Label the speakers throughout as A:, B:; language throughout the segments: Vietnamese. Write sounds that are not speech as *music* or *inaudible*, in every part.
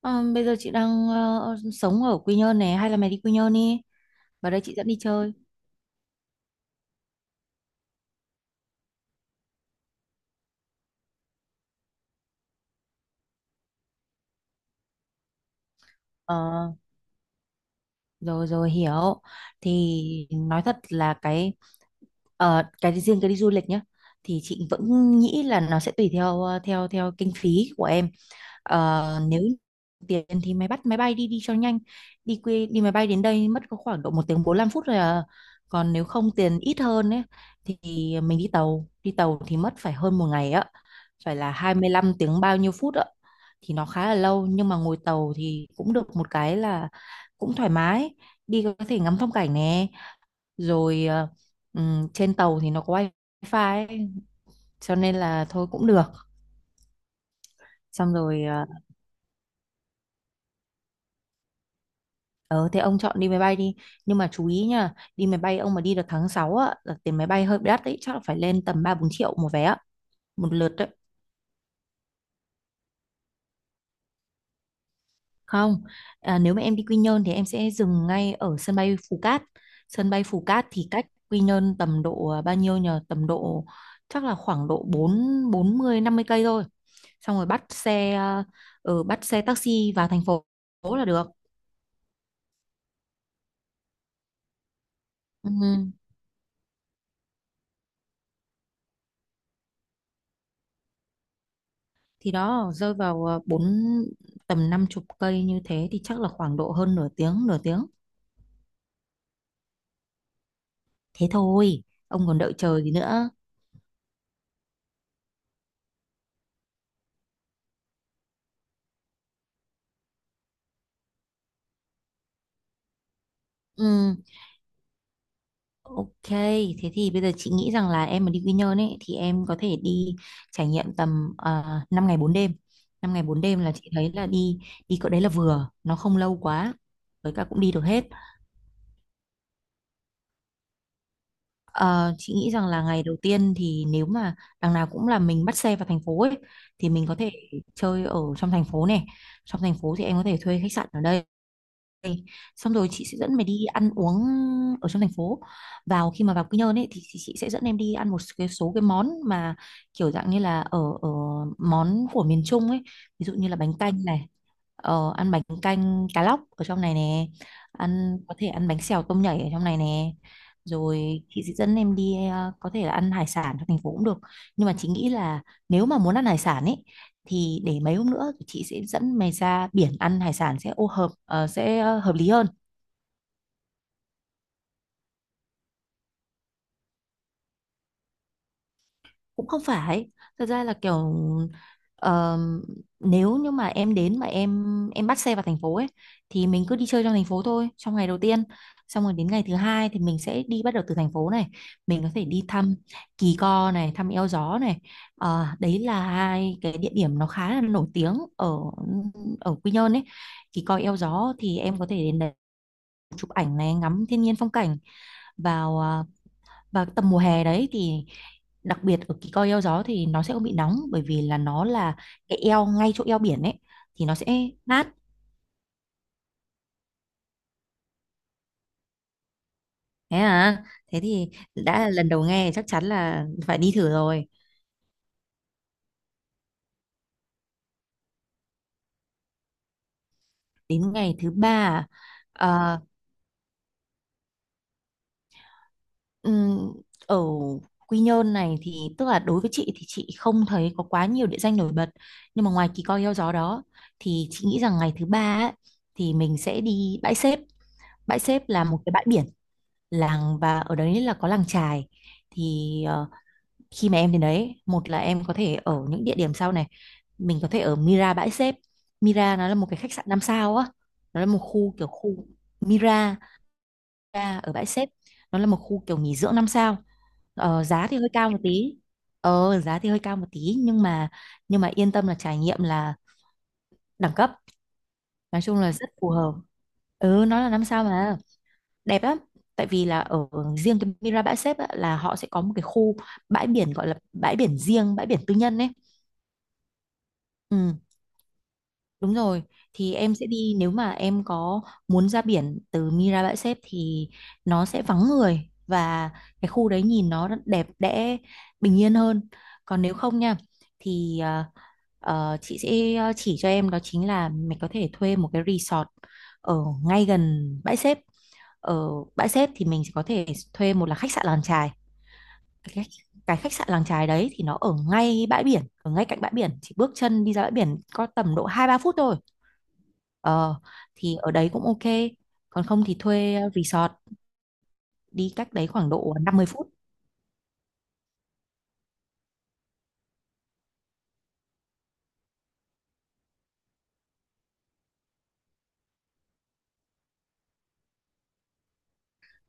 A: Ờ, Bây giờ chị đang sống ở Quy Nhơn này, hay là mày đi Quy Nhơn đi, vào đây chị dẫn đi chơi. Ờ, rồi rồi hiểu. Thì nói thật là cái cái riêng cái đi du lịch nhá, thì chị vẫn nghĩ là nó sẽ tùy theo theo theo kinh phí của em. Nếu tiền thì mày bắt máy bay đi đi cho nhanh, đi quê đi máy bay đến đây mất có khoảng độ 1 tiếng 45 phút rồi à. Còn nếu không, tiền ít hơn ấy, thì mình đi tàu, đi tàu thì mất phải hơn một ngày á, phải là 25 tiếng bao nhiêu phút ạ, thì nó khá là lâu. Nhưng mà ngồi tàu thì cũng được một cái là cũng thoải mái, đi có thể ngắm phong cảnh nè, rồi trên tàu thì nó có wifi ấy, cho nên là thôi cũng được. Xong rồi ờ thế ông chọn đi máy bay đi. Nhưng mà chú ý nha, đi máy bay ông mà đi được tháng 6 á là tiền máy bay hơi đắt đấy, chắc là phải lên tầm 3 4 triệu một vé á, một lượt đấy. Không, nếu mà em đi Quy Nhơn thì em sẽ dừng ngay ở sân bay Phú Cát. Sân bay Phú Cát thì cách Quy Nhơn tầm độ bao nhiêu nhờ, tầm độ chắc là khoảng độ bốn 40 50 cây thôi. Xong rồi bắt xe taxi vào thành phố là được. Ừ. Thì đó rơi vào tầm 50 cây, như thế thì chắc là khoảng độ hơn nửa tiếng, nửa tiếng thế thôi, ông còn đợi chờ gì nữa. Ừ, ok, thế thì bây giờ chị nghĩ rằng là em mà đi Quy Nhơn ấy, thì em có thể đi trải nghiệm tầm 5 ngày bốn đêm. 5 ngày 4 đêm là chị thấy là đi đi cỡ đấy là vừa, nó không lâu quá, với cả cũng đi được hết. Ờ, chị nghĩ rằng là ngày đầu tiên thì nếu mà đằng nào cũng là mình bắt xe vào thành phố ấy, thì mình có thể chơi ở trong thành phố này. Trong thành phố thì em có thể thuê khách sạn ở đây này. Xong rồi chị sẽ dẫn mày đi ăn uống ở trong thành phố. Vào khi mà vào Quy Nhơn ấy thì chị sẽ dẫn em đi ăn một cái số cái món mà kiểu dạng như là ở ở món của miền Trung ấy, ví dụ như là bánh canh này, ăn bánh canh cá lóc ở trong này nè, ăn có thể ăn bánh xèo tôm nhảy ở trong này nè, rồi chị sẽ dẫn em đi có thể là ăn hải sản trong thành phố cũng được. Nhưng mà chị nghĩ là nếu mà muốn ăn hải sản ấy, thì để mấy hôm nữa thì chị sẽ dẫn mày ra biển ăn hải sản sẽ ô hợp ờ, sẽ ờ, hợp lý hơn. Cũng không phải, thật ra là kiểu ờ, nếu như mà em đến mà em bắt xe vào thành phố ấy, thì mình cứ đi chơi trong thành phố thôi trong ngày đầu tiên. Xong rồi đến ngày thứ hai thì mình sẽ đi, bắt đầu từ thành phố này mình có thể đi thăm Kỳ Co này, thăm Eo Gió này. Ờ, đấy là hai cái địa điểm nó khá là nổi tiếng ở ở Quy Nhơn ấy. Kỳ Co Eo Gió thì em có thể đến đấy chụp ảnh này, ngắm thiên nhiên phong cảnh. vào à, Vào tầm mùa hè đấy thì đặc biệt ở cái Coi Eo Gió thì nó sẽ không bị nóng, bởi vì là nó là cái eo ngay chỗ eo biển ấy, thì nó sẽ mát. Thế à, thế thì đã là lần đầu nghe chắc chắn là phải đi thử rồi. Đến ngày thứ ba, à, Ừm, ở Quy Nhơn này thì tức là đối với chị thì chị không thấy có quá nhiều địa danh nổi bật, nhưng mà ngoài Kỳ Co Heo Gió đó thì chị nghĩ rằng ngày thứ ba ấy, thì mình sẽ đi Bãi Xếp. Bãi Xếp là một cái bãi biển làng, và ở đấy là có làng chài. Thì khi mà em đến đấy, một là em có thể ở những địa điểm sau này mình có thể ở Mira Bãi Xếp. Mira nó là một cái khách sạn 5 sao á, nó là một khu kiểu khu Mira Ca ở Bãi Xếp, nó là một khu kiểu nghỉ dưỡng 5 sao. ờ, giá thì hơi cao một tí giá thì hơi cao một tí, nhưng mà yên tâm là trải nghiệm là đẳng cấp, nói chung là rất phù hợp. Ừ, nó là 5 sao mà, đẹp lắm. Tại vì là ở riêng cái Mira Bãi Xếp á, là họ sẽ có một cái khu bãi biển, gọi là bãi biển riêng, bãi biển tư nhân ấy. Ừ. Đúng rồi, thì em sẽ đi, nếu mà em có muốn ra biển từ Mira Bãi Xép thì nó sẽ vắng người, và cái khu đấy nhìn nó rất đẹp đẽ, bình yên hơn. Còn nếu không nha, thì chị sẽ chỉ cho em đó chính là mình có thể thuê một cái resort ở ngay gần Bãi Xép. Ở Bãi Xép thì mình sẽ có thể thuê, một là khách sạn làng chài. Cái, khách- cái khách sạn làng chài đấy thì nó ở ngay bãi biển, ở ngay cạnh bãi biển, chỉ bước chân đi ra bãi biển có tầm độ 2 3 phút thôi. Ờ, thì ở đấy cũng ok. Còn không thì thuê resort đi, cách đấy khoảng độ 50 phút.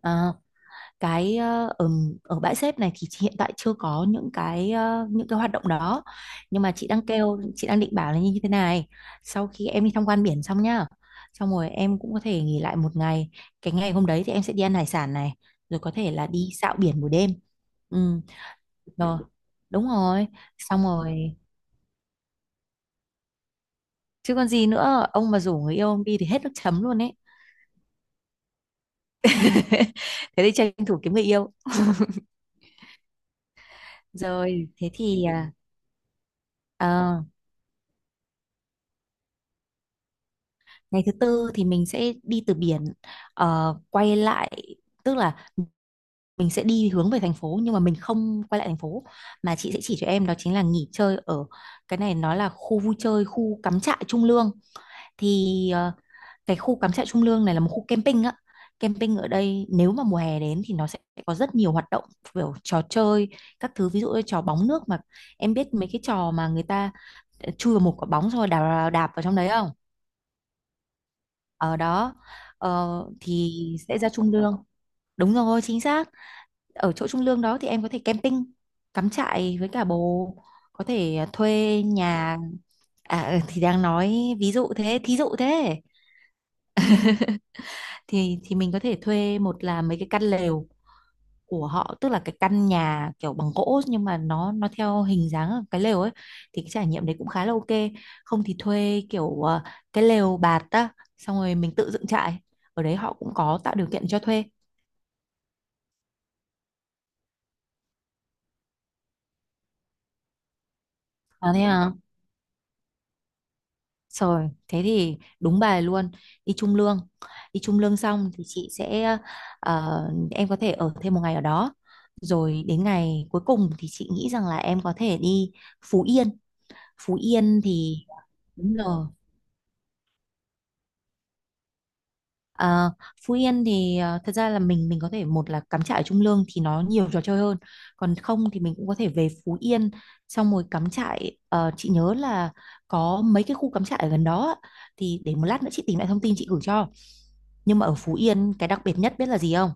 A: Ờ, cái ờ, ở Ở Bãi Xếp này thì chị hiện tại chưa có những cái những cái hoạt động đó. Nhưng mà chị đang định bảo là như thế này. Sau khi em đi tham quan biển xong nhá, xong rồi em cũng có thể nghỉ lại một ngày. Cái ngày hôm đấy thì em sẽ đi ăn hải sản này, rồi có thể là đi dạo biển buổi đêm. Ừ, rồi. Đúng rồi. Xong rồi. Chứ còn gì nữa, ông mà rủ người yêu ông đi thì hết nước chấm luôn ấy. *laughs* Thế thì tranh thủ kiếm người yêu. Rồi thế thì ờ, ngày thứ tư thì mình sẽ đi từ biển, quay lại, tức là mình sẽ đi hướng về thành phố, nhưng mà mình không quay lại thành phố, mà chị sẽ chỉ cho em đó chính là nghỉ chơi ở cái này, nó là khu vui chơi, khu cắm trại Trung Lương. Thì cái khu cắm trại Trung Lương này là một khu camping á. Camping ở đây nếu mà mùa hè đến thì nó sẽ có rất nhiều hoạt động, kiểu trò chơi các thứ, ví dụ như trò bóng nước mà em biết, mấy cái trò mà người ta chui vào một quả bóng rồi đạp vào trong đấy, không? Ở đó ờ, thì sẽ ra Trung Lương. Đúng rồi, chính xác. Ở chỗ Trung Lương đó thì em có thể camping, cắm trại với cả bồ, có thể thuê nhà. Thì đang nói ví dụ thế, thí dụ thế, thì mình có thể thuê, một là mấy cái căn lều của họ, tức là cái căn nhà kiểu bằng gỗ nhưng mà nó theo hình dáng cái lều ấy, thì cái trải nghiệm đấy cũng khá là ok. Không thì thuê kiểu cái lều bạt á, xong rồi mình tự dựng trại, ở đấy họ cũng có tạo điều kiện cho thuê. À thế à? Rồi thế thì đúng bài luôn, đi Trung Lương. Đi Trung Lương xong thì chị sẽ ờ, em có thể ở thêm một ngày ở đó, rồi đến ngày cuối cùng thì chị nghĩ rằng là em có thể đi Phú Yên. Phú Yên thì đúng rồi. Ờ, Phú Yên thì thật ra là mình có thể, một là cắm trại ở Trung Lương thì nó nhiều trò chơi hơn, còn không thì mình cũng có thể về Phú Yên xong rồi cắm trại. Ờ, chị nhớ là có mấy cái khu cắm trại ở gần đó á. Thì để một lát nữa chị tìm lại thông tin chị gửi cho. Nhưng mà ở Phú Yên cái đặc biệt nhất biết là gì không?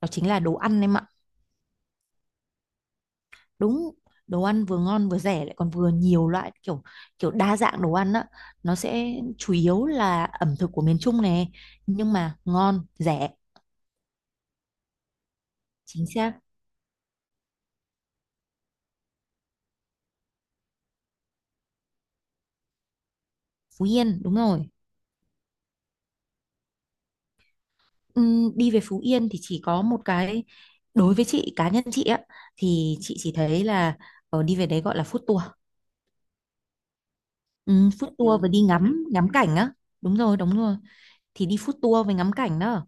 A: Đó chính là đồ ăn em ạ. Đúng, đồ ăn vừa ngon vừa rẻ lại còn vừa nhiều loại, kiểu kiểu đa dạng đồ ăn á. Nó sẽ chủ yếu là ẩm thực của miền Trung này, nhưng mà ngon rẻ. Chính xác. Phú Yên, đúng rồi. Đi về Phú Yên thì chỉ có một cái, đối với chị, cá nhân chị á, thì chị chỉ thấy là đi về đấy gọi là food tour. Ừ, food tour và đi ngắm ngắm cảnh á, đúng rồi đúng rồi. Thì đi food tour với ngắm cảnh đó.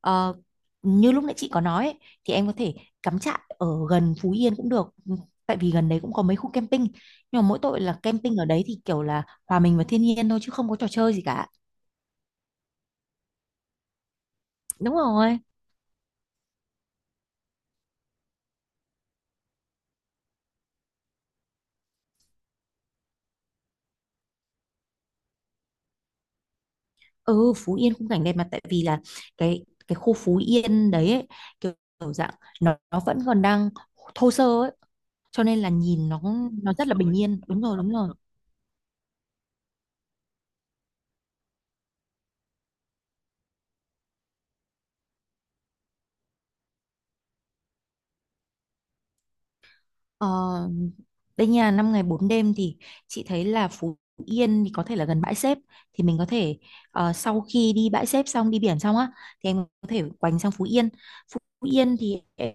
A: Ờ, như lúc nãy chị có nói ấy, thì em có thể cắm trại ở gần Phú Yên cũng được. Ừ, tại vì gần đấy cũng có mấy khu camping, nhưng mà mỗi tội là camping ở đấy thì kiểu là hòa mình vào thiên nhiên thôi chứ không có trò chơi gì cả. Đúng rồi. Ừ, Phú Yên khung cảnh đẹp, mà tại vì là cái khu Phú Yên đấy ấy, kiểu, kiểu dạng, nó vẫn còn đang thô sơ ấy, cho nên là nhìn nó rất là bình yên. Đúng rồi đúng rồi. Ờ, đây nhà 5 ngày 4 đêm thì chị thấy là Phú Yên thì có thể là gần bãi xếp, thì mình có thể sau khi đi bãi xếp xong đi biển xong á thì em có thể quành sang Phú Yên. Phú Yên thì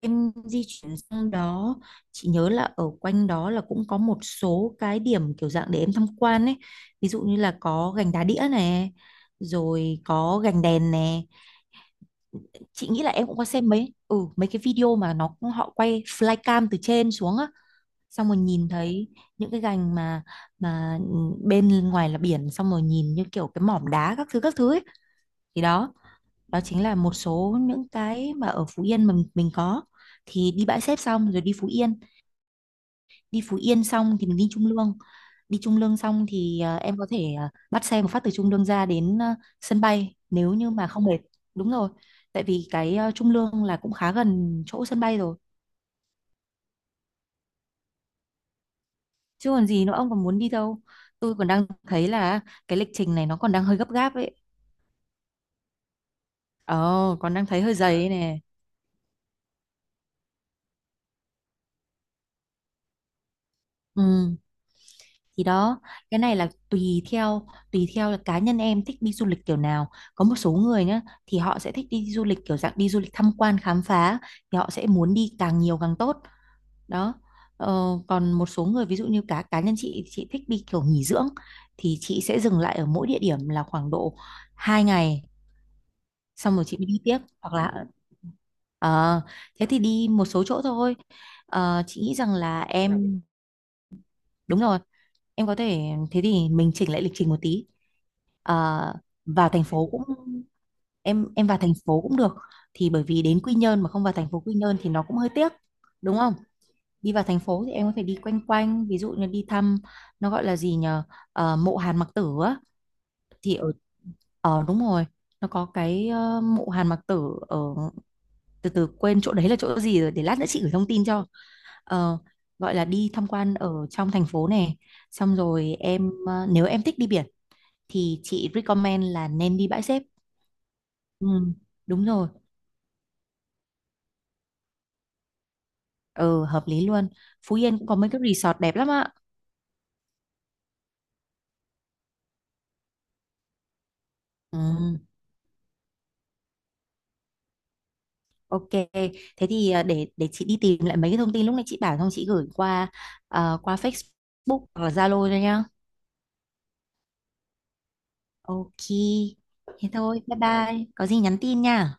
A: em di chuyển sang đó. Chị nhớ là ở quanh đó là cũng có một số cái điểm kiểu dạng để em tham quan ấy. Ví dụ như là có gành đá đĩa này, rồi có gành đèn nè. Chị nghĩ là em cũng có xem mấy ừ mấy cái video mà nó họ quay flycam từ trên xuống á, xong rồi nhìn thấy những cái gành mà bên ngoài là biển, xong rồi nhìn như kiểu cái mỏm đá các thứ ấy. Thì đó, đó chính là một số những cái mà ở Phú Yên mà mình có. Thì đi Bãi Xếp xong rồi đi Phú Yên xong thì mình đi Trung Lương. Đi Trung Lương xong thì em có thể bắt xe một phát từ Trung Lương ra đến sân bay nếu như mà không mệt. Đúng rồi. Tại vì cái Trung Lương là cũng khá gần chỗ sân bay rồi. Chứ còn gì nữa, ông còn muốn đi đâu? Tôi còn đang thấy là cái lịch trình này nó còn đang hơi gấp gáp ấy, ờ còn đang thấy hơi dày ấy nè. Ừ, thì đó, cái này là tùy theo là cá nhân em thích đi du lịch kiểu nào. Có một số người nhá, thì họ sẽ thích đi du lịch kiểu dạng đi du lịch tham quan khám phá, thì họ sẽ muốn đi càng nhiều càng tốt. Đó. Ờ, còn một số người ví dụ như cá cá nhân chị thích đi kiểu nghỉ dưỡng, thì chị sẽ dừng lại ở mỗi địa điểm là khoảng độ 2 ngày, xong rồi chị mới đi tiếp. Hoặc là ờ, thế thì đi một số chỗ thôi. Ờ, chị nghĩ rằng là em, đúng rồi, em có thể, thế thì mình chỉnh lại lịch trình một tí. Ờ, vào thành phố cũng, em vào thành phố cũng được, thì bởi vì đến Quy Nhơn mà không vào thành phố Quy Nhơn thì nó cũng hơi tiếc, đúng không? Đi vào thành phố thì em có thể đi quanh quanh, ví dụ như đi thăm, nó gọi là gì nhờ, ờ, mộ Hàn Mặc Tử á. Thì ở, ờ đúng rồi, nó có cái ờ, mộ Hàn Mặc Tử ở, từ từ quên chỗ đấy là chỗ gì rồi, để lát nữa chị gửi thông tin cho. Ờ, gọi là đi tham quan ở trong thành phố này, xong rồi em nếu em thích đi biển thì chị recommend là nên đi bãi xếp. Ừ, đúng rồi. Ừ, hợp lý luôn. Phú Yên cũng có mấy cái resort đẹp lắm ạ. Ừ, ok. Thế thì ờ, để chị đi tìm lại mấy cái thông tin lúc nãy chị bảo xong chị gửi qua, ờ, qua Facebook hoặc là Zalo cho nhá. Ok. Thế thôi, bye bye, có gì nhắn tin nha.